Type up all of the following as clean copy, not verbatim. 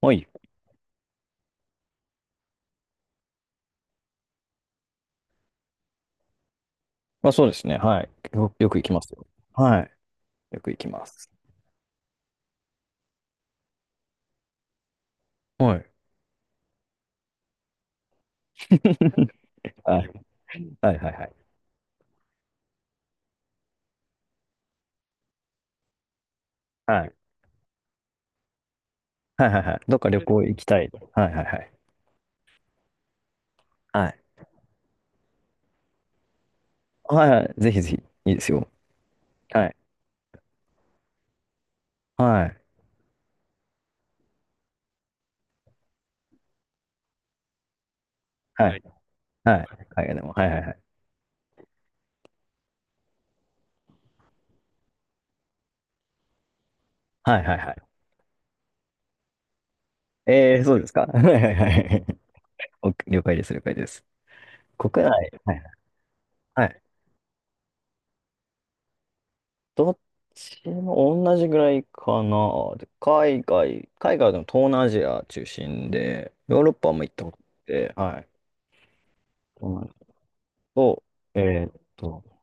はい。まあそうですね。はい。よく行きますよ。はい。よく行きます。はい。はい。はいはいはい。はい。はいはいはい。どっか旅行行きたい。はいはいはい。はい。はいはい。ぜひぜひ。いいですよ。はい。はい。ははい。い。はい。海外でも。はいはいはい。はいはいはい。そうですか。はいはいはい。お了解です。了解です。国内。はいはい。はい。どっちも同じぐらいかな。で海外でも東南アジア中心で、ヨーロッパも行ったことあって、はい。そうなんですと、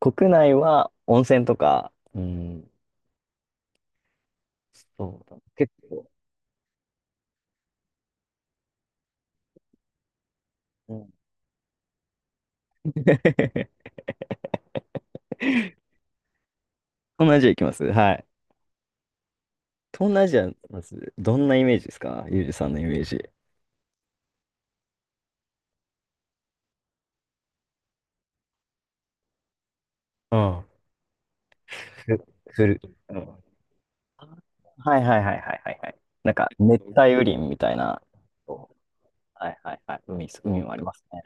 国内は温泉とか、うん、そうだ、結構、うん。 東南アジア行きます。はい。東南アジア、まず、どんなイメージですか？ゆうじさんのイメージ。うん。ふ、ふる、うん。はいはいはいはいはいはい。なんか、熱帯雨林みたいな。はいはいはい。海もありますね。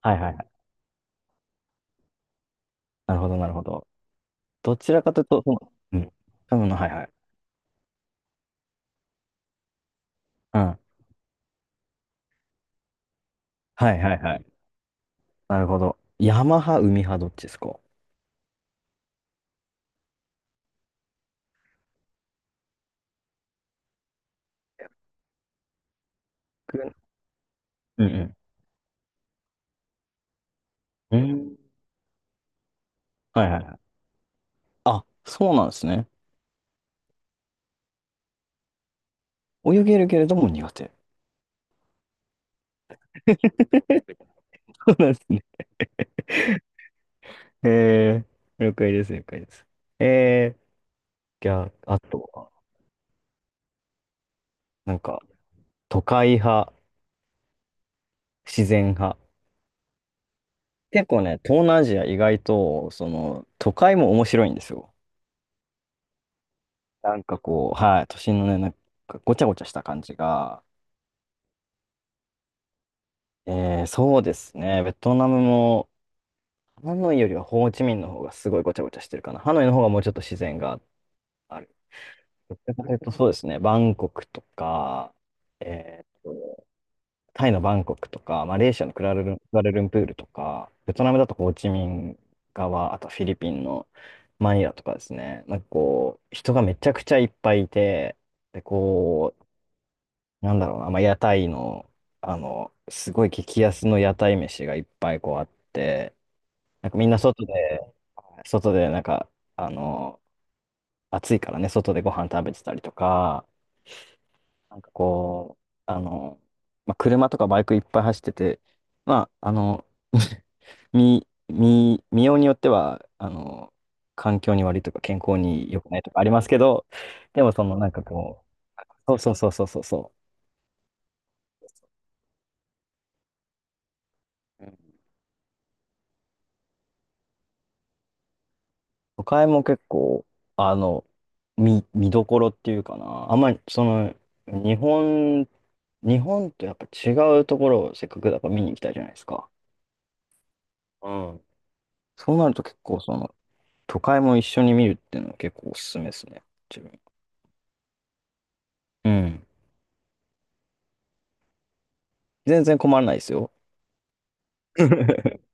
はいはいはい。なるほどなるほど。どちらかというと、その、うん。多分の、はいはい。うん。はいはいはい。なるほど。山派、海派、どっちですか？くうんうん。うん。はいはいはい。あ、そうなんですね。泳げるけれども苦手。そうなんですね。え了解です、了解です。えー、じゃあ、あとは、なんか、都会派、自然派。結構ね、東南アジア意外と、その、都会も面白いんですよ。なんかこう、はい、都心のね、なんかごちゃごちゃした感じが、そうですね、ベトナムも、ハノイよりはホーチミンの方がすごいごちゃごちゃしてるかな。ハノイの方がもうちょっと自然がある。そうですね、バンコクとか、えーと、タイのバンコクとか、マレーシアのクアラルンプールとか、ベトナムだとホーチミン側、あとフィリピンのマニラとかですね、なんかこう、人がめちゃくちゃいっぱいいて、で、こう、なんだろうな、まあ、屋台の、あの、すごい激安の屋台飯がいっぱいこうあって、なんかみんな外で、なんか、あの、暑いからね、外でご飯食べてたりとか、なんかこう、あの、まあ、車とかバイクいっぱい走ってて、まあ、あの、見ようによっては、あの、環境に悪いとか健康に良くないとかありますけど、でもそのなんかこう、そうそうそうそうそうそう。都会も結構、あの、見どころっていうかな。あんまり、その、日本、日本とやっぱ違うところをせっかくだから見に行きたいじゃないですか。うん。そうなると結構、その、都会も一緒に見るっていうのは結構おすすめですね。自分。うん。全然困らないですよ。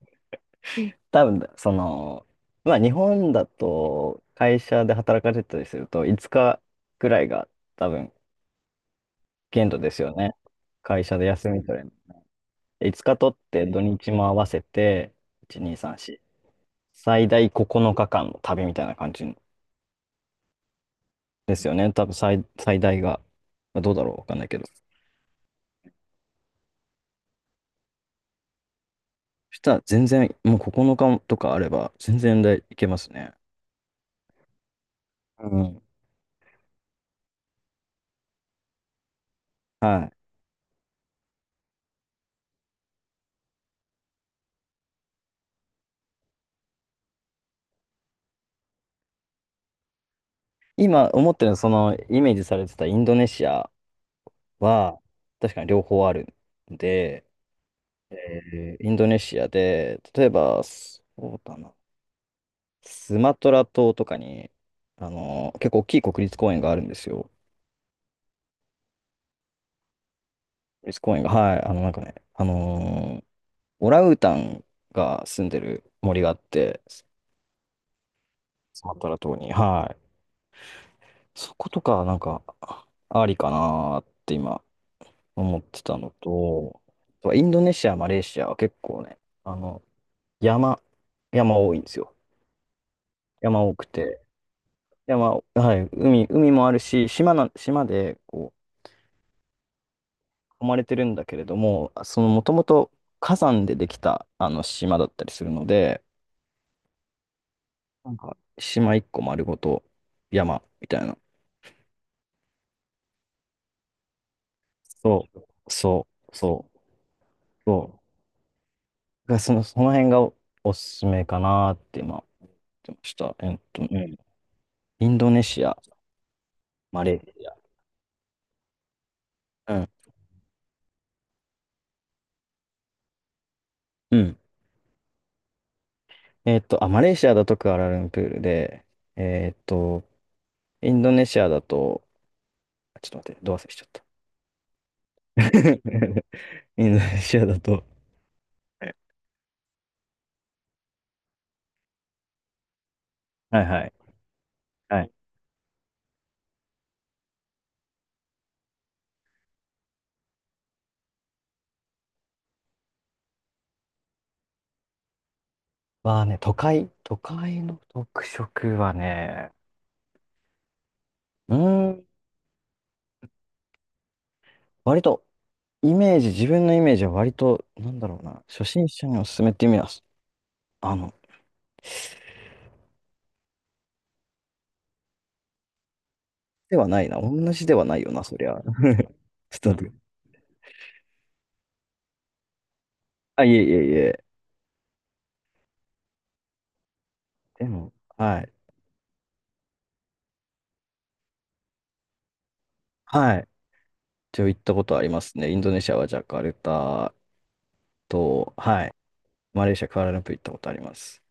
多分、その、まあ日本だと会社で働かれてたりすると5日くらいが多分限度ですよね。会社で休み5日取って土日も合わせて、1、2、3、4、最大9日間の旅みたいな感じですよね。多分最大が、まあどうだろう、わかんないけど。そしたら全然、もう9日とかあれば、全然でいけますね。うん。はい。今思ってるのはその、イメージされてたインドネシアは、確かに両方あるんで、インドネシアで、例えば、そうだな、スマトラ島とかに、あの、結構大きい国立公園があるんですよ。国立公園が、はい、あの、なんかね、オランウータンが住んでる森があって、スマトラ島に、はい。そことか、なんか、ありかなーって今、思ってたのと、インドネシア、マレーシアは結構ね、あの、山、山多いんですよ。山多くて、はい、海もあるし、島で、こう、囲まれてるんだけれども、その、もともと火山でできた、あの、島だったりするので、なんか、島一個丸ごと山みたいな。そう、そう、そう、そう。がその辺がおすすめかなって今、言ってました。うん。インドネシア、マレーシア。うん。うん。あ、マレーシアだとクアラルンプールで、えっと、インドネシアだと、あちょっと待って、どう忘れしちゃった。インドネシアだと、はいはい。はい。都会の特色はね、うーん、割とイメージ、自分のイメージは割と、なんだろうな、初心者におすすめっていう意味は、あの、ではないな、同じではないよな、そりゃ。ちょっと待って。あ、いえいえいえ。でも、はい。はい。一応行ったことありますね。インドネシアはジャカルタと、はい。マレーシア、クアラルンプー行ったことあります。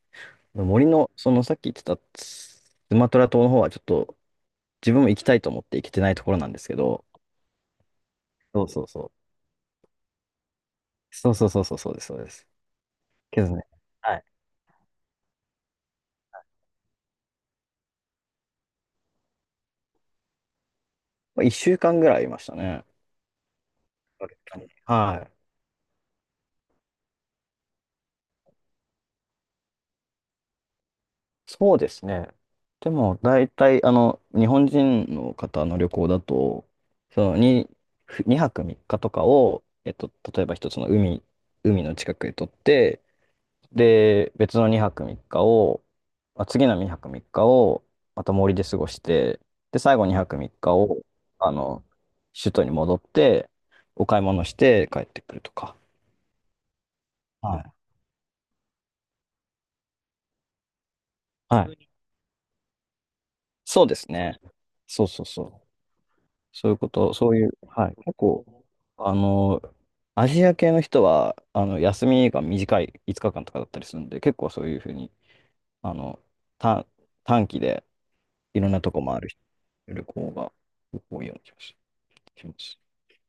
森の、そのさっき言ってたスマトラ島の方はちょっと自分も行きたいと思って行けてないところなんですけど、そうそうそう。そうそうそうそう、そうです、そうです。けどね、はい。まあ、1週間ぐらいいましたね。はい。そうですね。でも、大体、あの、日本人の方の旅行だと、その2、ふ泊3日とかを、例えば一つの海の近くへ取って、で、別の2泊3日を、まあ、次の2泊3日を、また森で過ごして、で、最後2泊3日を、あの、首都に戻って、お買い物して帰ってくるとか。はい。はい。そうですね。そうそうそう。そういうこと、そういう、はい、結構、あの、アジア系の人は、あの、休みが短い5日間とかだったりするんで、結構そういうふうに、あの、短、短期でいろんなとこ回る人旅行が多いような気がします。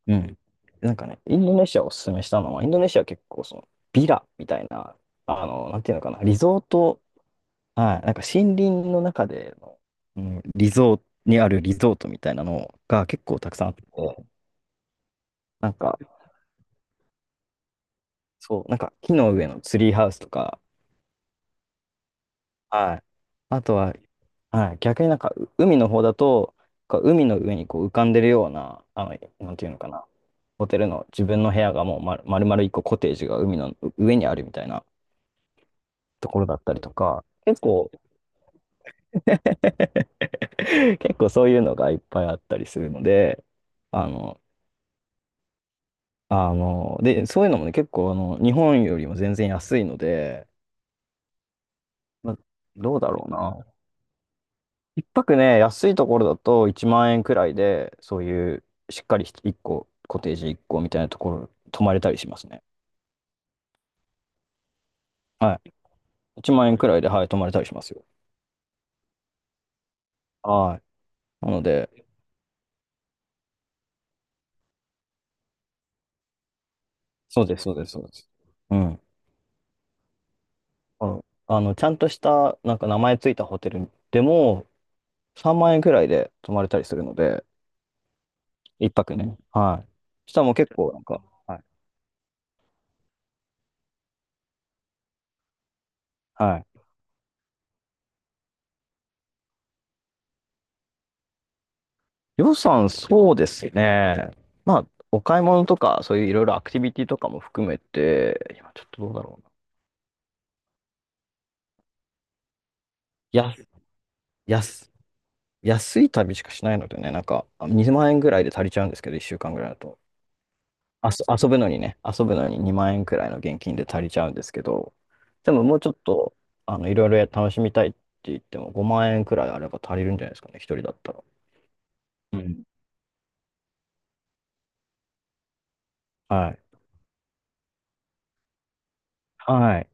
うん。なんかね、インドネシアをおすすめしたのは、インドネシアは結構その、ビラみたいな、あの、なんていうのかな、リゾート、はい、なんか森林の中での、うん、リゾートにあるリゾートみたいなのが結構たくさんあって、なんか、そう、なんか木の上のツリーハウスとか、はい。あとは、はい、逆になんか海の方だと、こう海の上にこう浮かんでるような、あの、なんていうのかな、ホテルの自分の部屋がもう丸々一個コテージが海の上にあるみたいなところだったりとか、結構、結構そういうのがいっぱいあったりするので、あの、で、そういうのもね、結構あの、日本よりも全然安いので、まあ、どうだろうな。一泊ね、安いところだと1万円くらいで、そういうしっかり1個、コテージ1個みたいなところ、泊まれたりしますね。はい。1万円くらいで、はい、泊まれたりしますよ。はい。なので、そうです、そうです、そうです。うん。あのちゃんとした、なんか名前ついたホテルでも、3万円くらいで泊まれたりするので、一泊ね。はい。したらもう結構、なんか、はい。はい。予算、そうですね。まあ、お買い物とか、そういういろいろアクティビティとかも含めて、今ちょっとどうだろうな。や、やす安い旅しかしないのでね、なんか2万円ぐらいで足りちゃうんですけど、1週間ぐらいだと。遊ぶのに2万円くらいの現金で足りちゃうんですけど、でももうちょっと、あの、いろいろ楽しみたいって言っても5万円くらいあれば足りるんじゃないですかね、一人だったら。うん。はい。はい。